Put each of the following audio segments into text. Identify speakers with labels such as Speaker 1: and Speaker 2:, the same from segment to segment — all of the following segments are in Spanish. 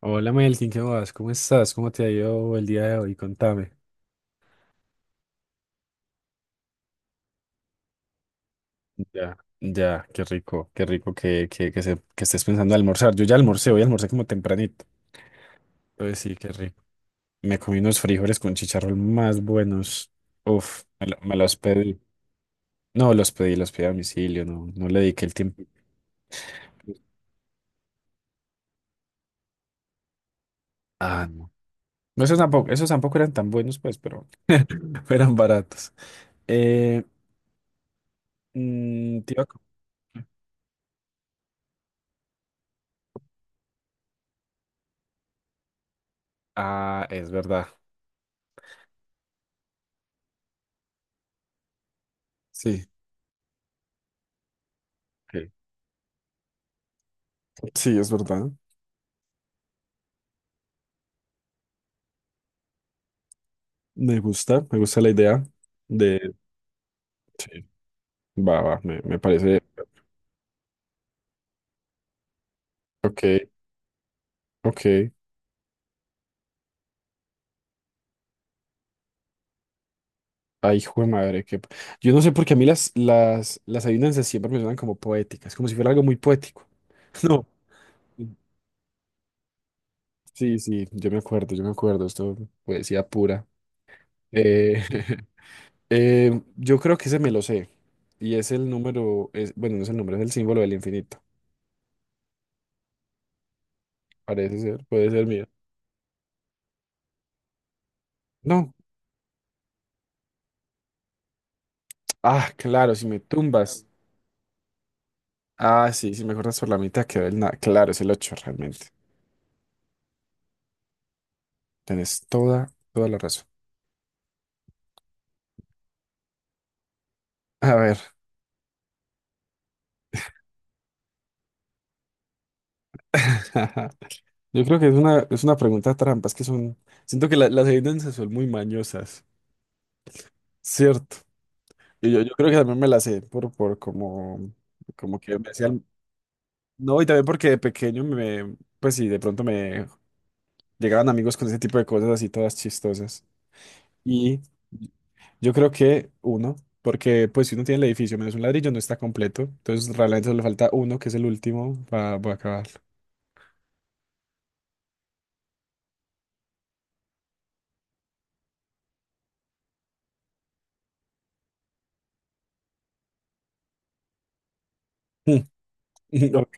Speaker 1: Hola Melkin, ¿qué más? ¿Cómo estás? ¿Cómo te ha ido el día de hoy? Contame. Ya, ya, qué rico que estés pensando en almorzar. Yo ya almorcé, hoy almorcé como tempranito. Pues sí, qué rico. Me comí unos frijoles con chicharrón más buenos. Uf, me los pedí. No, los pedí a domicilio, no le dediqué el tiempo. Ah, no. No, esos tampoco, esos tampoco eran tan buenos, pues, pero eran baratos. Eh, te iba a co- Ah, es verdad. Sí. Ok. Sí, es verdad. Me gusta la idea de. Sí, va, va, me parece. Ok, ok. Ay, hijo de madre, que. Yo no sé por qué a mí las adivinanzas siempre me suenan como poéticas, como si fuera algo muy poético. No. Sí, sí, yo me acuerdo, esto poesía pura. Eh, yo creo que ese me lo sé, y es el número, es, bueno, no es el número, es el símbolo del infinito, parece ser, puede ser mío. No, ah, claro, si me tumbas. Ah, sí, sí, mejor por la mitad quedó el nada. Claro, es el 8, realmente. Tienes toda, toda la razón. A ver. Yo creo que es una pregunta trampa, es que son. Siento que las evidencias son muy mañosas, ¿cierto? Y yo creo que también me las sé por como que me hacían. No, y también porque de pequeño me. Pues sí, de pronto me llegaban amigos con ese tipo de cosas así todas chistosas. Y yo creo que uno, porque pues si uno tiene el edificio menos un ladrillo no está completo, entonces realmente solo le falta uno, que es el último, para acabar. No. Ok,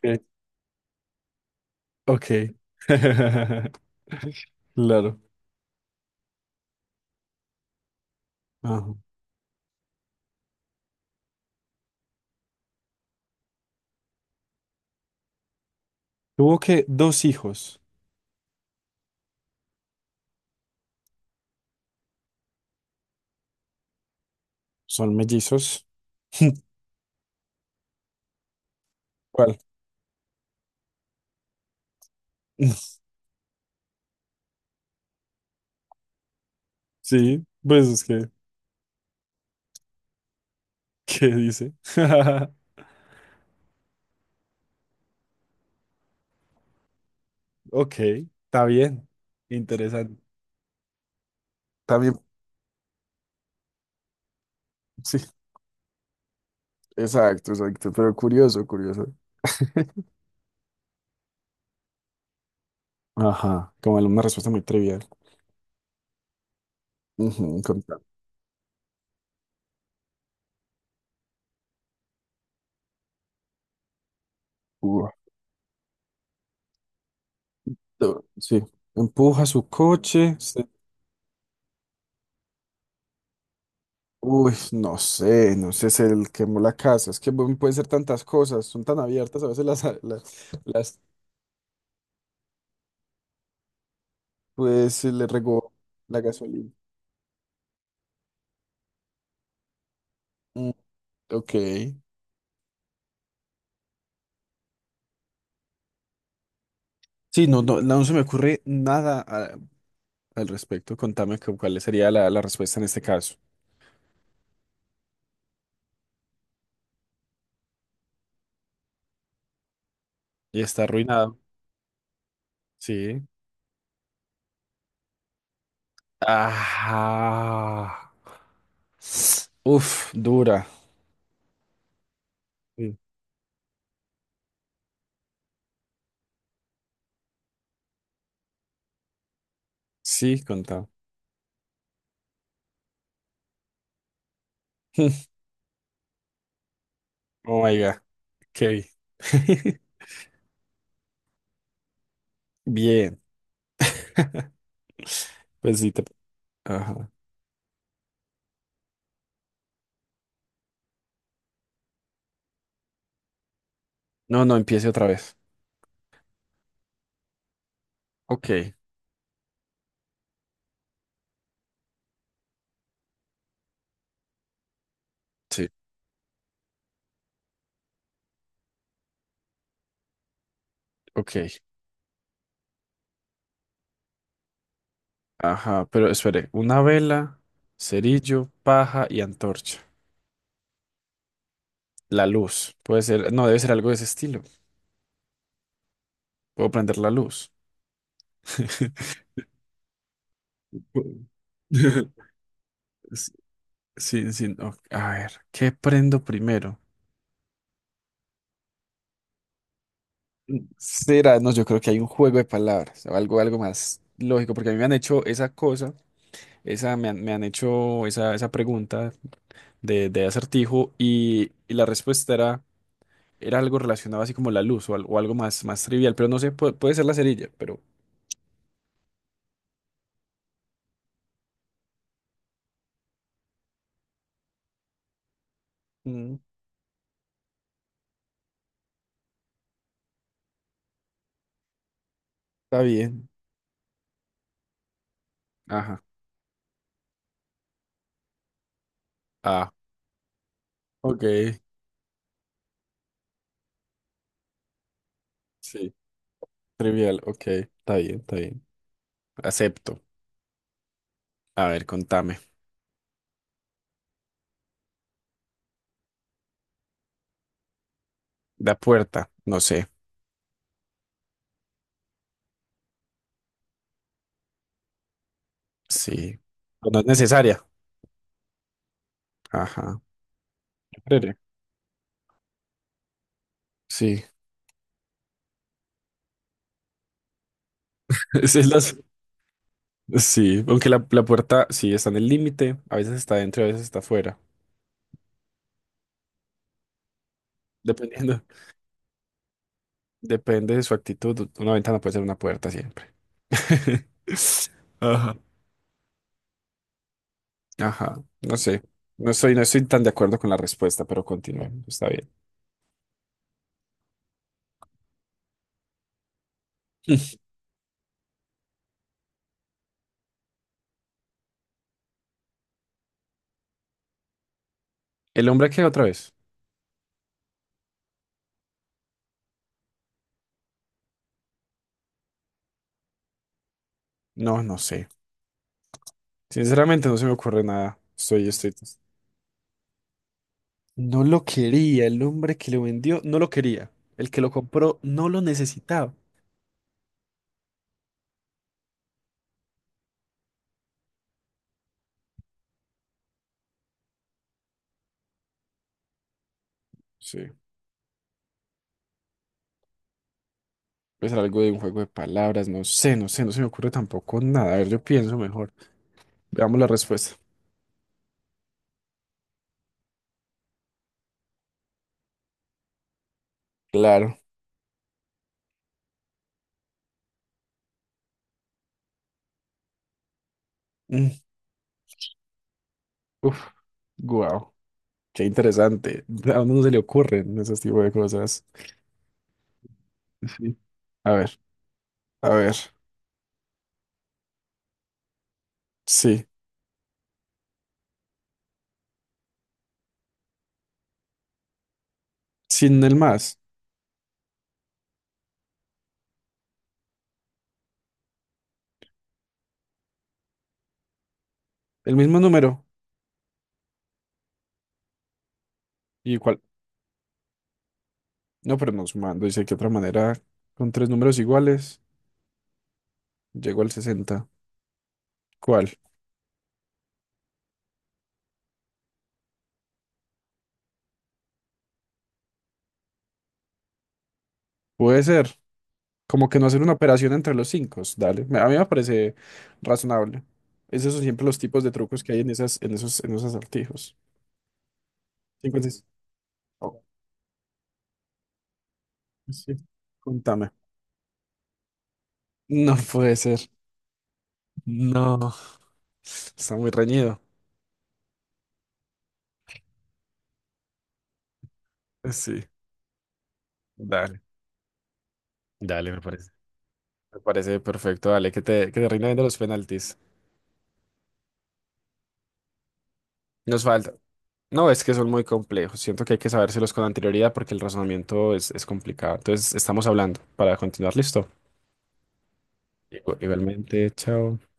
Speaker 1: ok. Claro. Ajá. Tuvo que dos hijos, son mellizos. ¿Cuál? Sí, pues es que, ¿qué dice? Ok, está bien, interesante. También, sí, exacto, exacto, pero curioso, curioso. Ajá, como una respuesta muy trivial. Ujú, con tal- Ujú. Sí, empuja su coche. Se- Uy, no sé, no sé, se le quemó la casa. Es que bueno, pueden ser tantas cosas, son tan abiertas a veces las, las- pues se le regó la gasolina. Mm, ok. Sí, no, no se me ocurre nada a- al respecto. Contame cuál sería la respuesta en este caso. Y está arruinado. Sí. Ajá. Uf, dura. Sí, sí, contame. Oh my God. Ok. Bien. Pues sí, te. Ajá. No, no, empiece otra vez. Ok, sí, ok. Ajá, pero espere. Una vela, cerillo, paja y antorcha. La luz. Puede ser, no, debe ser algo de ese estilo. Puedo prender la luz. Pu- Sí, sí, sí, no, a ver, ¿qué prendo primero? Será, no, yo creo que hay un juego de palabras, o algo, algo más lógico, porque a mí me han hecho esa cosa. Esa me han hecho esa pregunta de acertijo y la respuesta era, era algo relacionado así como la luz o algo más trivial, pero no sé, puede ser la cerilla, pero mm, está bien. Ajá. Ah, ok. Sí, trivial, ok. Está bien, está bien. Acepto. A ver, contame. La puerta, no sé. Sí. Pero no es necesaria. Ajá. Yo creeré. Sí. Esa es las. Sí, aunque la puerta sí está en el límite, a veces está dentro, a veces está afuera. Dependiendo. Depende de su actitud. Una ventana puede ser una puerta siempre. Ajá. Ajá, no sé. No estoy tan de acuerdo con la respuesta, pero continuemos. Está bien. ¿El hombre qué otra vez? No, no sé. Sinceramente no se me ocurre nada. Estoy, estoy. No lo quería. El hombre que lo vendió no lo quería. El que lo compró no lo necesitaba. Sí. Puede ser algo de un juego de palabras. No sé, no sé. No se me ocurre tampoco nada. A ver, yo pienso mejor. Veamos la respuesta. Claro. Mm. Uf, guau. Qué interesante. ¿A uno no se le ocurren ese tipo de cosas? Sí. A ver, a ver. Sí. Sin el más. El mismo número. Igual. No, pero no sumando. Dice que otra manera, con tres números iguales, llego al 60. ¿Cuál? Puede ser. Como que no hacer una operación entre los cinco. Dale. Me- A mí me parece razonable. Esos son siempre los tipos de trucos que hay en esas, en esos acertijos. 56. Oh, sí. Contame. No puede ser. No. Está muy reñido. Sí, dale. Dale, me parece. Me parece perfecto. Dale, que te rinda bien de los penaltis. Nos falta. No, es que son muy complejos. Siento que hay que sabérselos con anterioridad porque el razonamiento es complicado. Entonces, estamos hablando para continuar. Listo. Igualmente, chao.